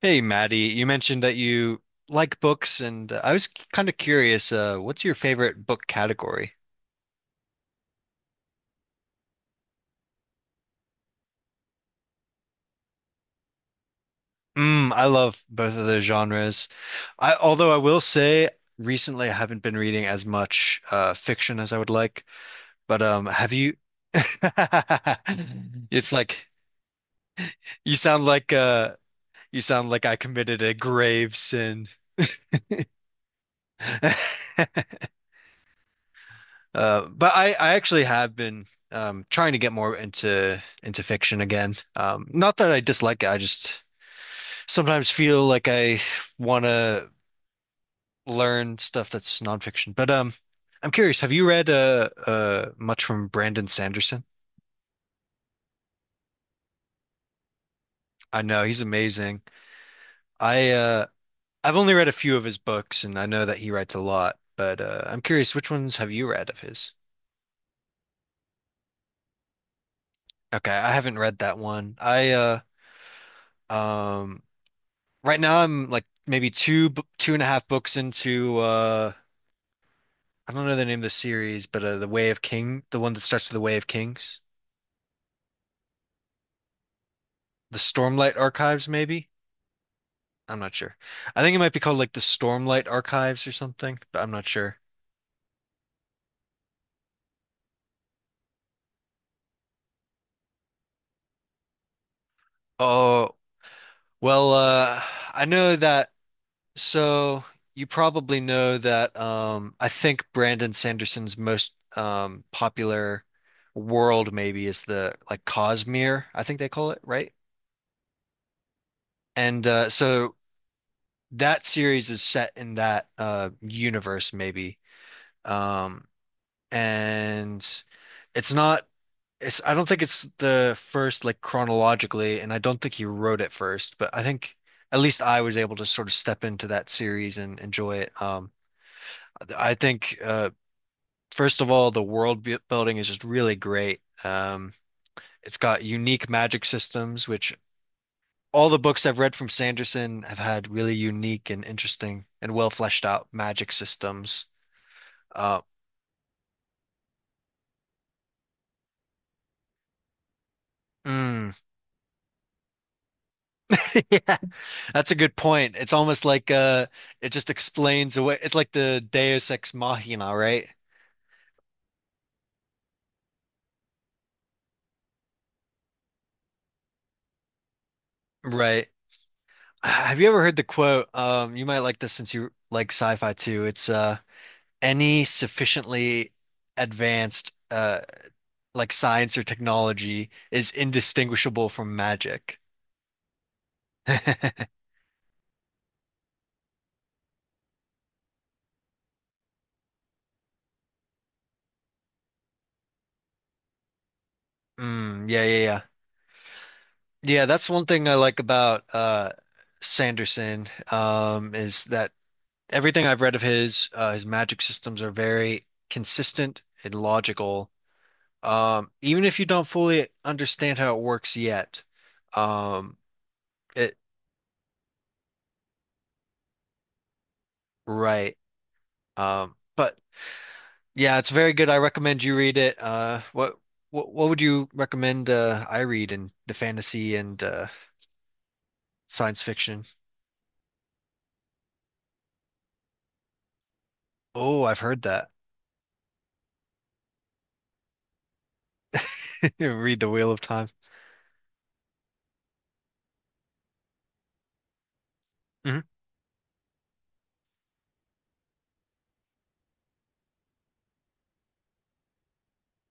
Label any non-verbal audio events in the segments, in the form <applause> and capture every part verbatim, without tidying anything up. Hey, Maddie, you mentioned that you like books, and uh, I was kind of curious, uh, what's your favorite book category? Mm, I love both of those genres. I, although I will say, recently I haven't been reading as much uh, fiction as I would like. But um, have you? <laughs> It's like you sound like uh, you sound like I committed a grave sin. <laughs> Uh, but I, I actually have been um, trying to get more into into fiction again. Um, not that I dislike it, I just sometimes feel like I want to learn stuff that's nonfiction. But um, I'm curious, have you read uh, uh, much from Brandon Sanderson? I know he's amazing. I uh, I've only read a few of his books, and I know that he writes a lot. But uh, I'm curious, which ones have you read of his? Okay, I haven't read that one. I uh, um, Right now, I'm like maybe two, b- two and a half books into uh I don't know the name of the series, but uh, The Way of King, the one that starts with The Way of Kings, the Stormlight Archives, maybe. I'm not sure. I think it might be called like the Stormlight Archives or something, but I'm not sure. Oh, well, uh, I know that. So you probably know that. Um, I think Brandon Sanderson's most um popular world maybe is the like Cosmere, I think they call it, right? And uh, so that series is set in that uh universe maybe. Um and it's not it's I don't think it's the first like chronologically and I don't think he wrote it first, but I think at least I was able to sort of step into that series and enjoy it. Um I think uh first of all the world bu- building is just really great. Um, it's got unique magic systems which all the books I've read from Sanderson have had really unique and interesting and well fleshed out magic systems. Uh, mm, <laughs> yeah, that's a good point. It's almost like uh, it just explains away. It's like the Deus ex machina, right? Right. Have you ever heard the quote? Um, you might like this since you like sci-fi too. It's uh, any sufficiently advanced uh, like science or technology is indistinguishable from magic. <laughs> Mm, yeah, yeah, yeah. Yeah, that's one thing I like about uh Sanderson um is that everything I've read of his uh, his magic systems are very consistent and logical. Um, even if you don't fully understand how it works yet, um, it right. Um, but yeah, it's very good. I recommend you read it. Uh, what what what would you recommend uh, I read in the fantasy and uh, science fiction? Oh, I've heard that. <laughs> Read The Wheel of Time. Mhm.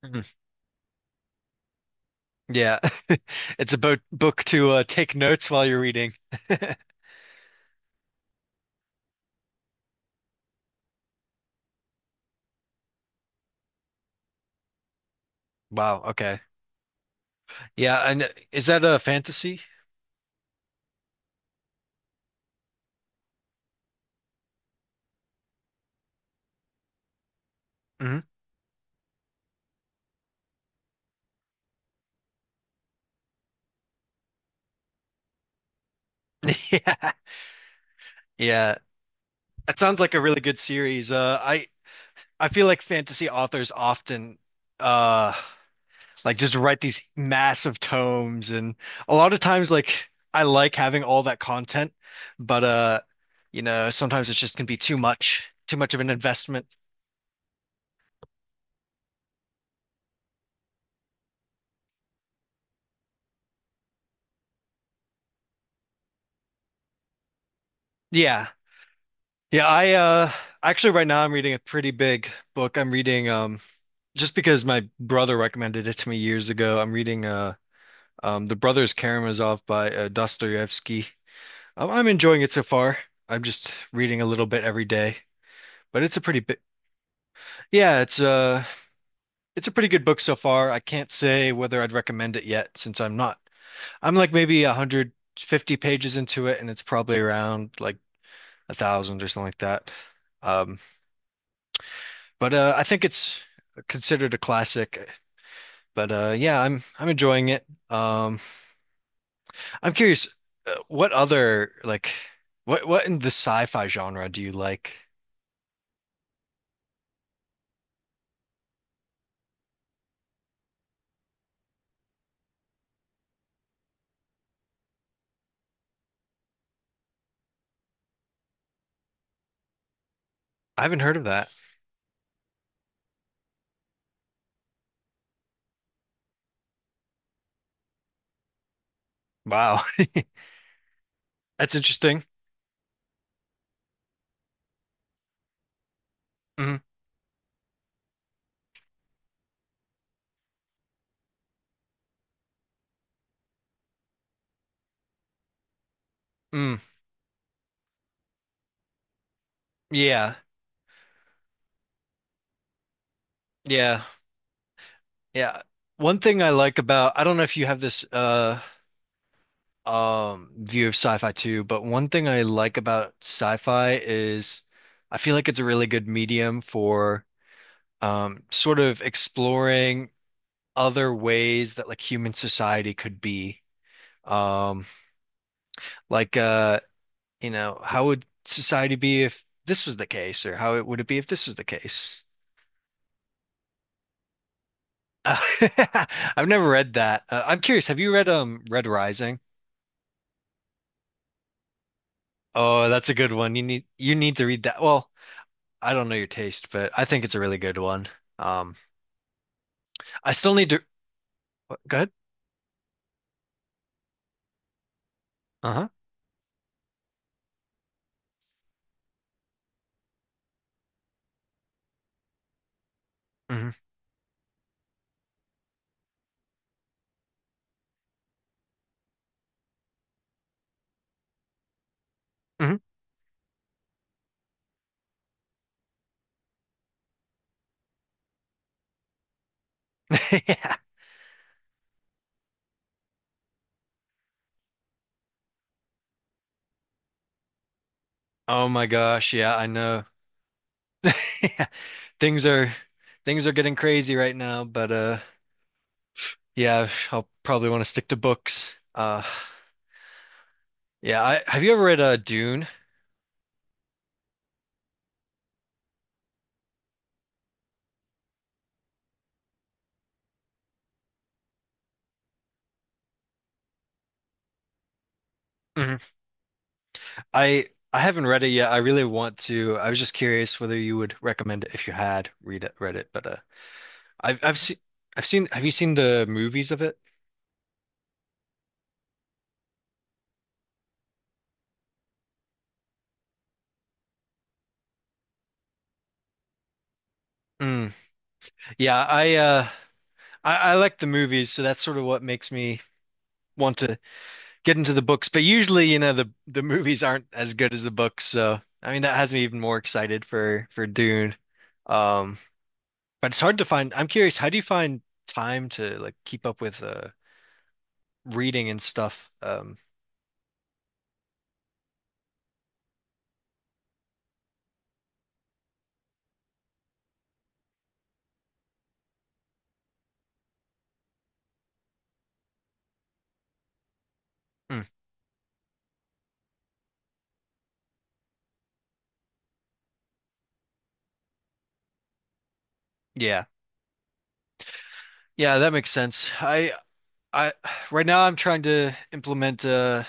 Mhm. Yeah, <laughs> it's a bo book to uh, take notes while you're reading. <laughs> Wow. Okay. Yeah, and is that a fantasy? Hmm. <laughs> Yeah, yeah. That sounds like a really good series. Uh, I I feel like fantasy authors often uh like just write these massive tomes, and a lot of times like I like having all that content, but uh, you know, sometimes it just can be too much, too much of an investment. Yeah. Yeah, I uh actually right now I'm reading a pretty big book. I'm reading um just because my brother recommended it to me years ago. I'm reading uh Um, The Brothers Karamazov by uh, Dostoevsky. Um, I'm enjoying it so far. I'm just reading a little bit every day, but it's a pretty bit. Yeah, it's a it's a pretty good book so far. I can't say whether I'd recommend it yet since I'm not. I'm like maybe a hundred fifty pages into it, and it's probably around like a thousand or something like that. Um, but uh, I think it's considered a classic. But uh, yeah, I'm I'm enjoying it. Um, I'm curious, uh, what other like what what in the sci-fi genre do you like? I haven't heard of that. Wow, <laughs> that's interesting. Hmm. Mm. Yeah. Yeah. Yeah. One thing I like about I don't know if you have this uh um view of sci-fi too, but one thing I like about sci-fi is I feel like it's a really good medium for um sort of exploring other ways that like human society could be. Um like uh you know, how would society be if this was the case, or how it would it be if this was the case? Uh, <laughs> I've never read that. Uh, I'm curious, have you read um Red Rising? Oh, that's a good one. You need you need to read that. Well, I don't know your taste, but I think it's a really good one. Um, I still need to go ahead. Uh-huh. Hmm. Hmm. <laughs> Yeah. Oh my gosh, yeah, I know. <laughs> Yeah. Things are things are getting crazy right now, but uh yeah, I'll probably want to stick to books. Uh yeah, I have you ever read uh Dune? Mhm. I I haven't read it yet. I really want to. I was just curious whether you would recommend it if you had read it, read it. But uh, I've I've seen I've seen. Have you seen the movies of it? Mm. Yeah, I uh I, I like the movies, so that's sort of what makes me want to get into the books. But usually, you know, the the movies aren't as good as the books. So I mean, that has me even more excited for for Dune. Um, but it's hard to find. I'm curious, how do you find time to like keep up with uh reading and stuff? Um, mm, yeah. Yeah, that makes sense. I I right now I'm trying to implement a,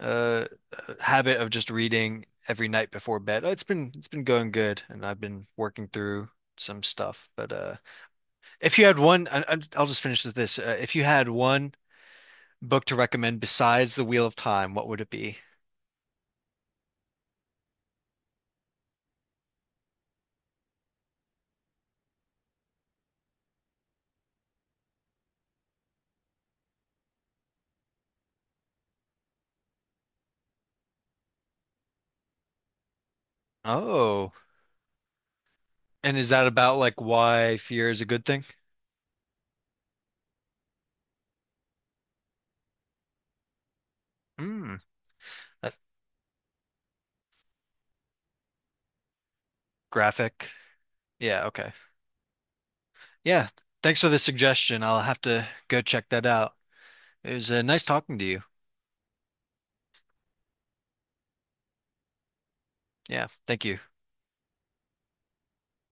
a, a habit of just reading every night before bed. It's been it's been going good, and I've been working through some stuff. But uh, if you had one, I, I'm- I'll just finish with this. Uh, if you had one book to recommend besides The Wheel of Time, what would it be? Oh, and is that about like why fear is a good thing? Hmm, that's graphic. Yeah, okay. Yeah, thanks for the suggestion. I'll have to go check that out. It was uh, nice talking to you. Yeah, thank you.